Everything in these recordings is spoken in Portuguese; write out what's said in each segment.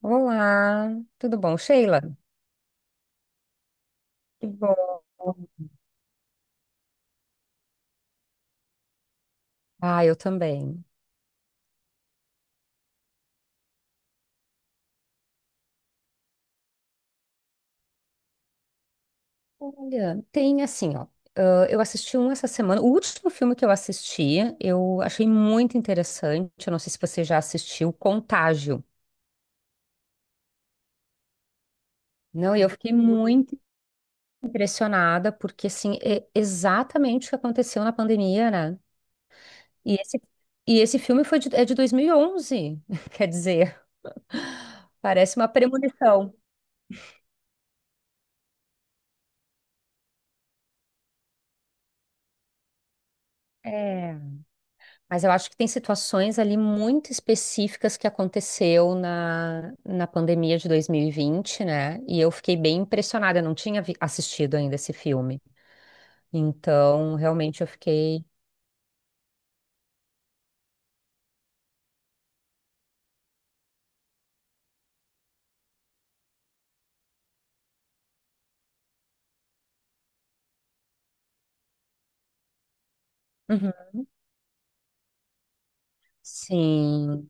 Olá, tudo bom, Sheila? Que bom. Ah, eu também. Olha, tem assim, ó. Eu assisti um essa semana. O último filme que eu assisti, eu achei muito interessante. Eu não sei se você já assistiu, Contágio. Não, e eu fiquei muito impressionada, porque assim, é exatamente o que aconteceu na pandemia, né? E esse, e esse filme foi de, é de 2011, quer dizer, parece uma premonição. É. Mas eu acho que tem situações ali muito específicas que aconteceu na pandemia de 2020, né? E eu fiquei bem impressionada, eu não tinha assistido ainda esse filme. Então, realmente eu fiquei. Uhum. Sim,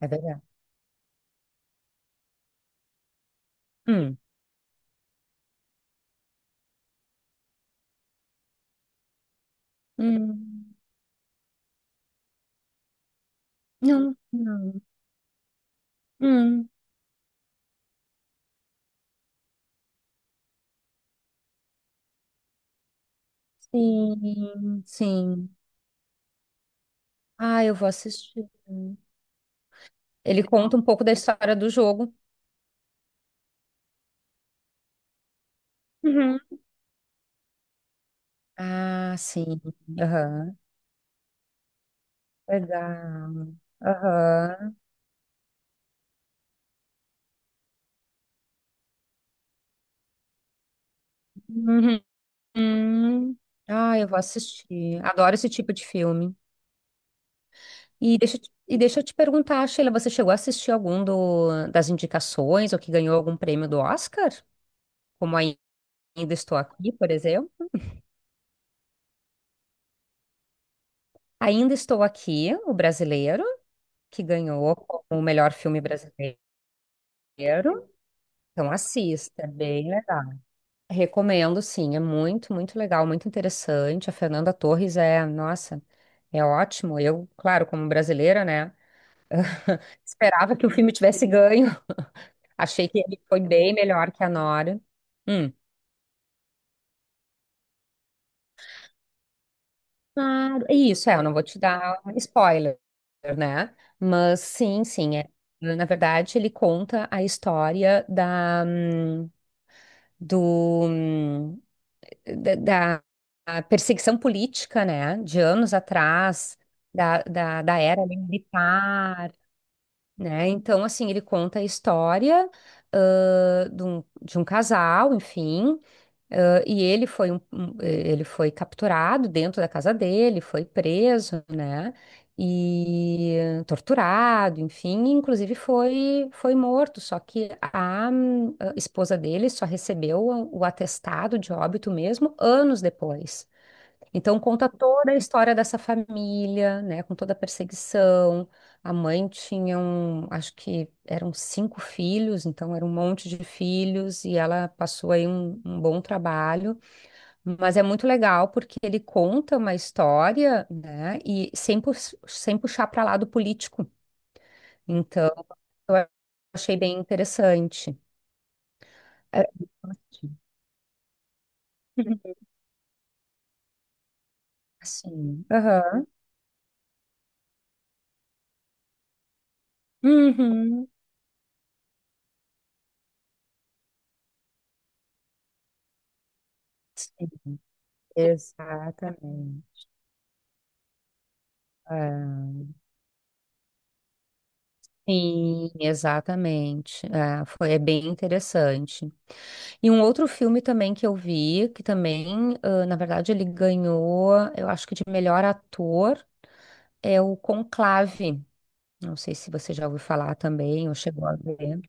é verdade. Hum. Hum. Não, não. Hum. Sim, sim. Ah, eu vou assistir. Ele conta um pouco da história do jogo. Uhum. Ah, sim. Aham. Legal. Aham. Uhum. Hum. Ah, eu vou assistir. Adoro esse tipo de filme. E deixa, e deixa eu te perguntar, Sheila, você chegou a assistir algum do, das indicações ou que ganhou algum prêmio do Oscar? Como Ainda Estou Aqui, por exemplo. Ainda Estou Aqui, o brasileiro, que ganhou como o melhor filme brasileiro. Então assista, é bem legal. Recomendo, sim, é muito, muito legal, muito interessante. A Fernanda Torres é, nossa, é ótimo. Eu, claro, como brasileira, né? Esperava que o filme tivesse ganho. Achei que ele foi bem melhor que a Nora. Hum. Claro, é isso, é, eu não vou te dar spoiler, né? Mas sim, sim, é. Na verdade, ele conta a história do, hum, da, da perseguição política, né? De anos atrás, da era ali militar, né? Então, assim, ele conta a história, de um casal, enfim. Ah, e ele foi ele foi capturado dentro da casa dele, foi preso, né? E torturado, enfim, e inclusive foi morto. Só que a esposa dele só recebeu o atestado de óbito mesmo anos depois. Então conta toda a história dessa família, né, com toda a perseguição. A mãe tinha um, acho que eram cinco filhos, então era um monte de filhos e ela passou aí um bom trabalho. Mas é muito legal porque ele conta uma história, né, e sem, sem puxar para lado político. Então eu achei bem interessante. É, assim, aham. Uhum. Sim, exatamente. É. Sim, exatamente. É, foi, é bem interessante. E um outro filme também que eu vi, que também, ah, na verdade, ele ganhou, eu acho que de melhor ator, é o Conclave. Não sei se você já ouviu falar também ou chegou a ver.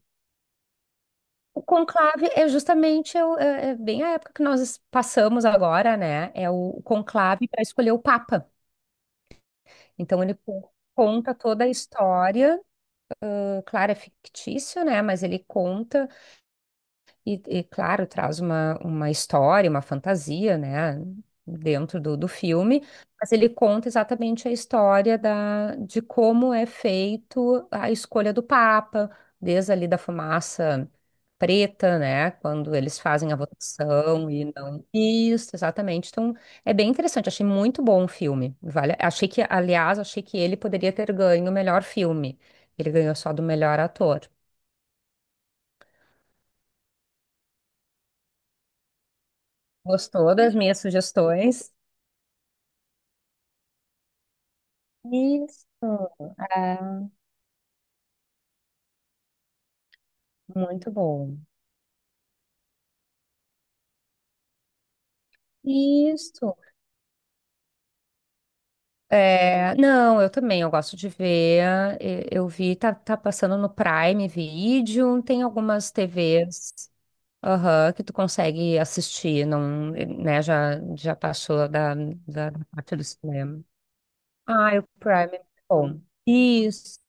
O Conclave é justamente é, é bem a época que nós passamos agora, né? É o Conclave para escolher o Papa. Então ele conta toda a história, ah, claro, é fictício, né? Mas ele conta. E, claro, traz uma história, uma fantasia, né, dentro do filme, mas ele conta exatamente a história da, de como é feito a escolha do Papa, desde ali da fumaça preta, né, quando eles fazem a votação e não. Isso, exatamente. Então, é bem interessante, achei muito bom o filme. Vale, achei que, aliás, achei que ele poderia ter ganho o melhor filme. Ele ganhou só do melhor ator. Gostou das minhas sugestões? Isso. Ah, muito bom. Isso. É, não, eu também, eu gosto de ver. Eu vi, tá, tá passando no Prime Video, tem algumas TVs, aham, que tu consegue assistir, não, né, já, já passou da parte do cinema. Ah, o Prime é muito bom. Isso,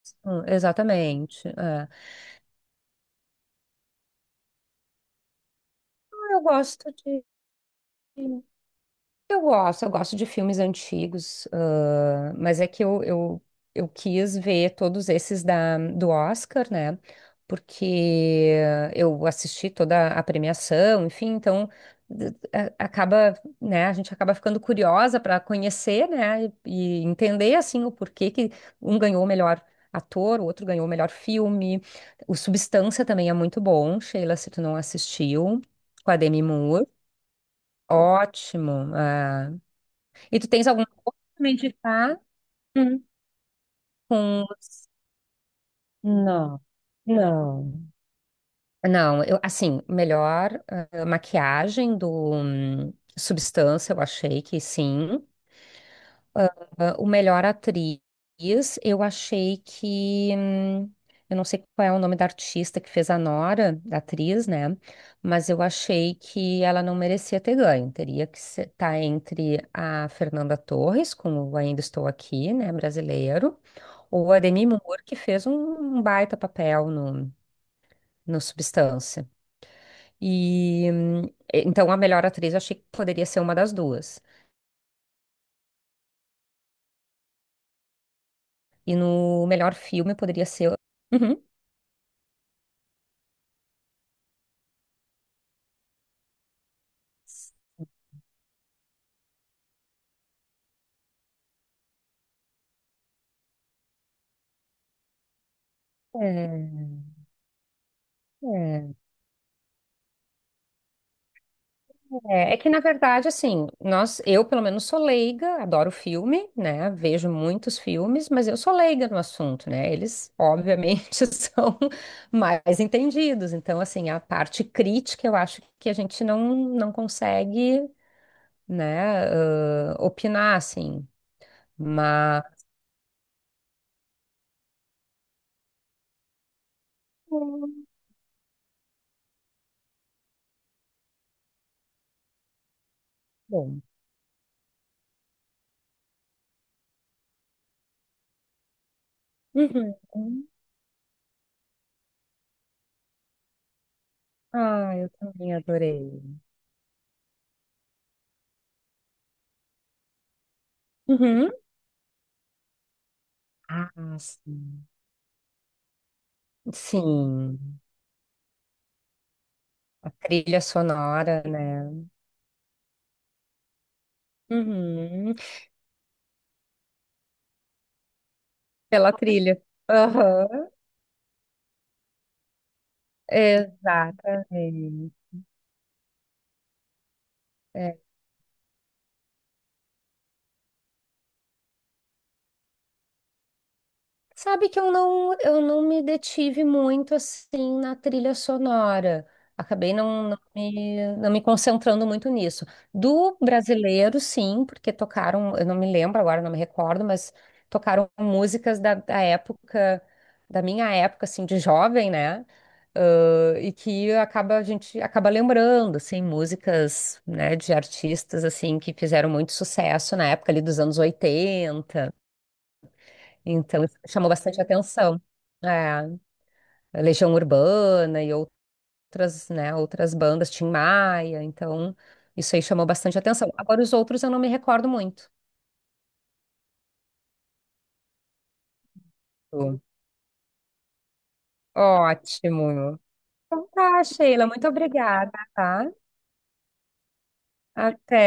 exatamente. É. Ah, eu gosto de. Eu gosto de filmes antigos, mas é que eu quis ver todos esses da, do Oscar, né? Porque eu assisti toda a premiação, enfim, então acaba, né? A gente acaba ficando curiosa para conhecer, né? E entender assim o porquê que um ganhou o melhor ator, o outro ganhou o melhor filme. O Substância também é muito bom, Sheila, se tu não assistiu, com a Demi Moore. Ótimo. Ah. E tu tens alguma coisa pra me indicar? Hum. Com os- Não, não. Não, eu, assim, melhor maquiagem do Substância, eu achei que sim. Ah, o melhor atriz, eu achei que. Eu não sei qual é o nome da artista que fez a Nora, da atriz, né? Mas eu achei que ela não merecia ter ganho. Teria que estar entre a Fernanda Torres, com o Ainda Estou Aqui, né? Brasileiro. O Ademir Moura, que fez um, um baita papel no Substância. E então a melhor atriz eu achei que poderia ser uma das duas. E no melhor filme poderia ser. Uhum. É, É que na verdade, assim, nós, eu pelo menos sou leiga, adoro filme, né? Vejo muitos filmes, mas eu sou leiga no assunto, né? Eles, obviamente, são mais entendidos. Então, assim, a parte crítica eu acho que a gente não, não consegue, né, opinar, assim. Mas, hum, bom. Uhum. Ah, eu também adorei. Uhum. Ah, sim. Sim, a trilha sonora, né? Uhum. Pela trilha. Aham. Exatamente. É. Sabe que eu não me detive muito assim na trilha sonora. Acabei não, não me concentrando muito nisso. Do brasileiro, sim, porque tocaram, eu não me lembro agora, não me recordo, mas tocaram músicas da época, da minha época, assim, de jovem, né? Ah, e que acaba, a gente acaba lembrando, assim, músicas, né, de artistas, assim, que fizeram muito sucesso na época ali dos anos 80. Então, isso chamou bastante atenção. É, Legião Urbana e outras, né, outras bandas, Tim Maia, então isso aí chamou bastante atenção. Agora os outros eu não me recordo muito. Ótimo. Então tá, Sheila, muito obrigada, tá? Até.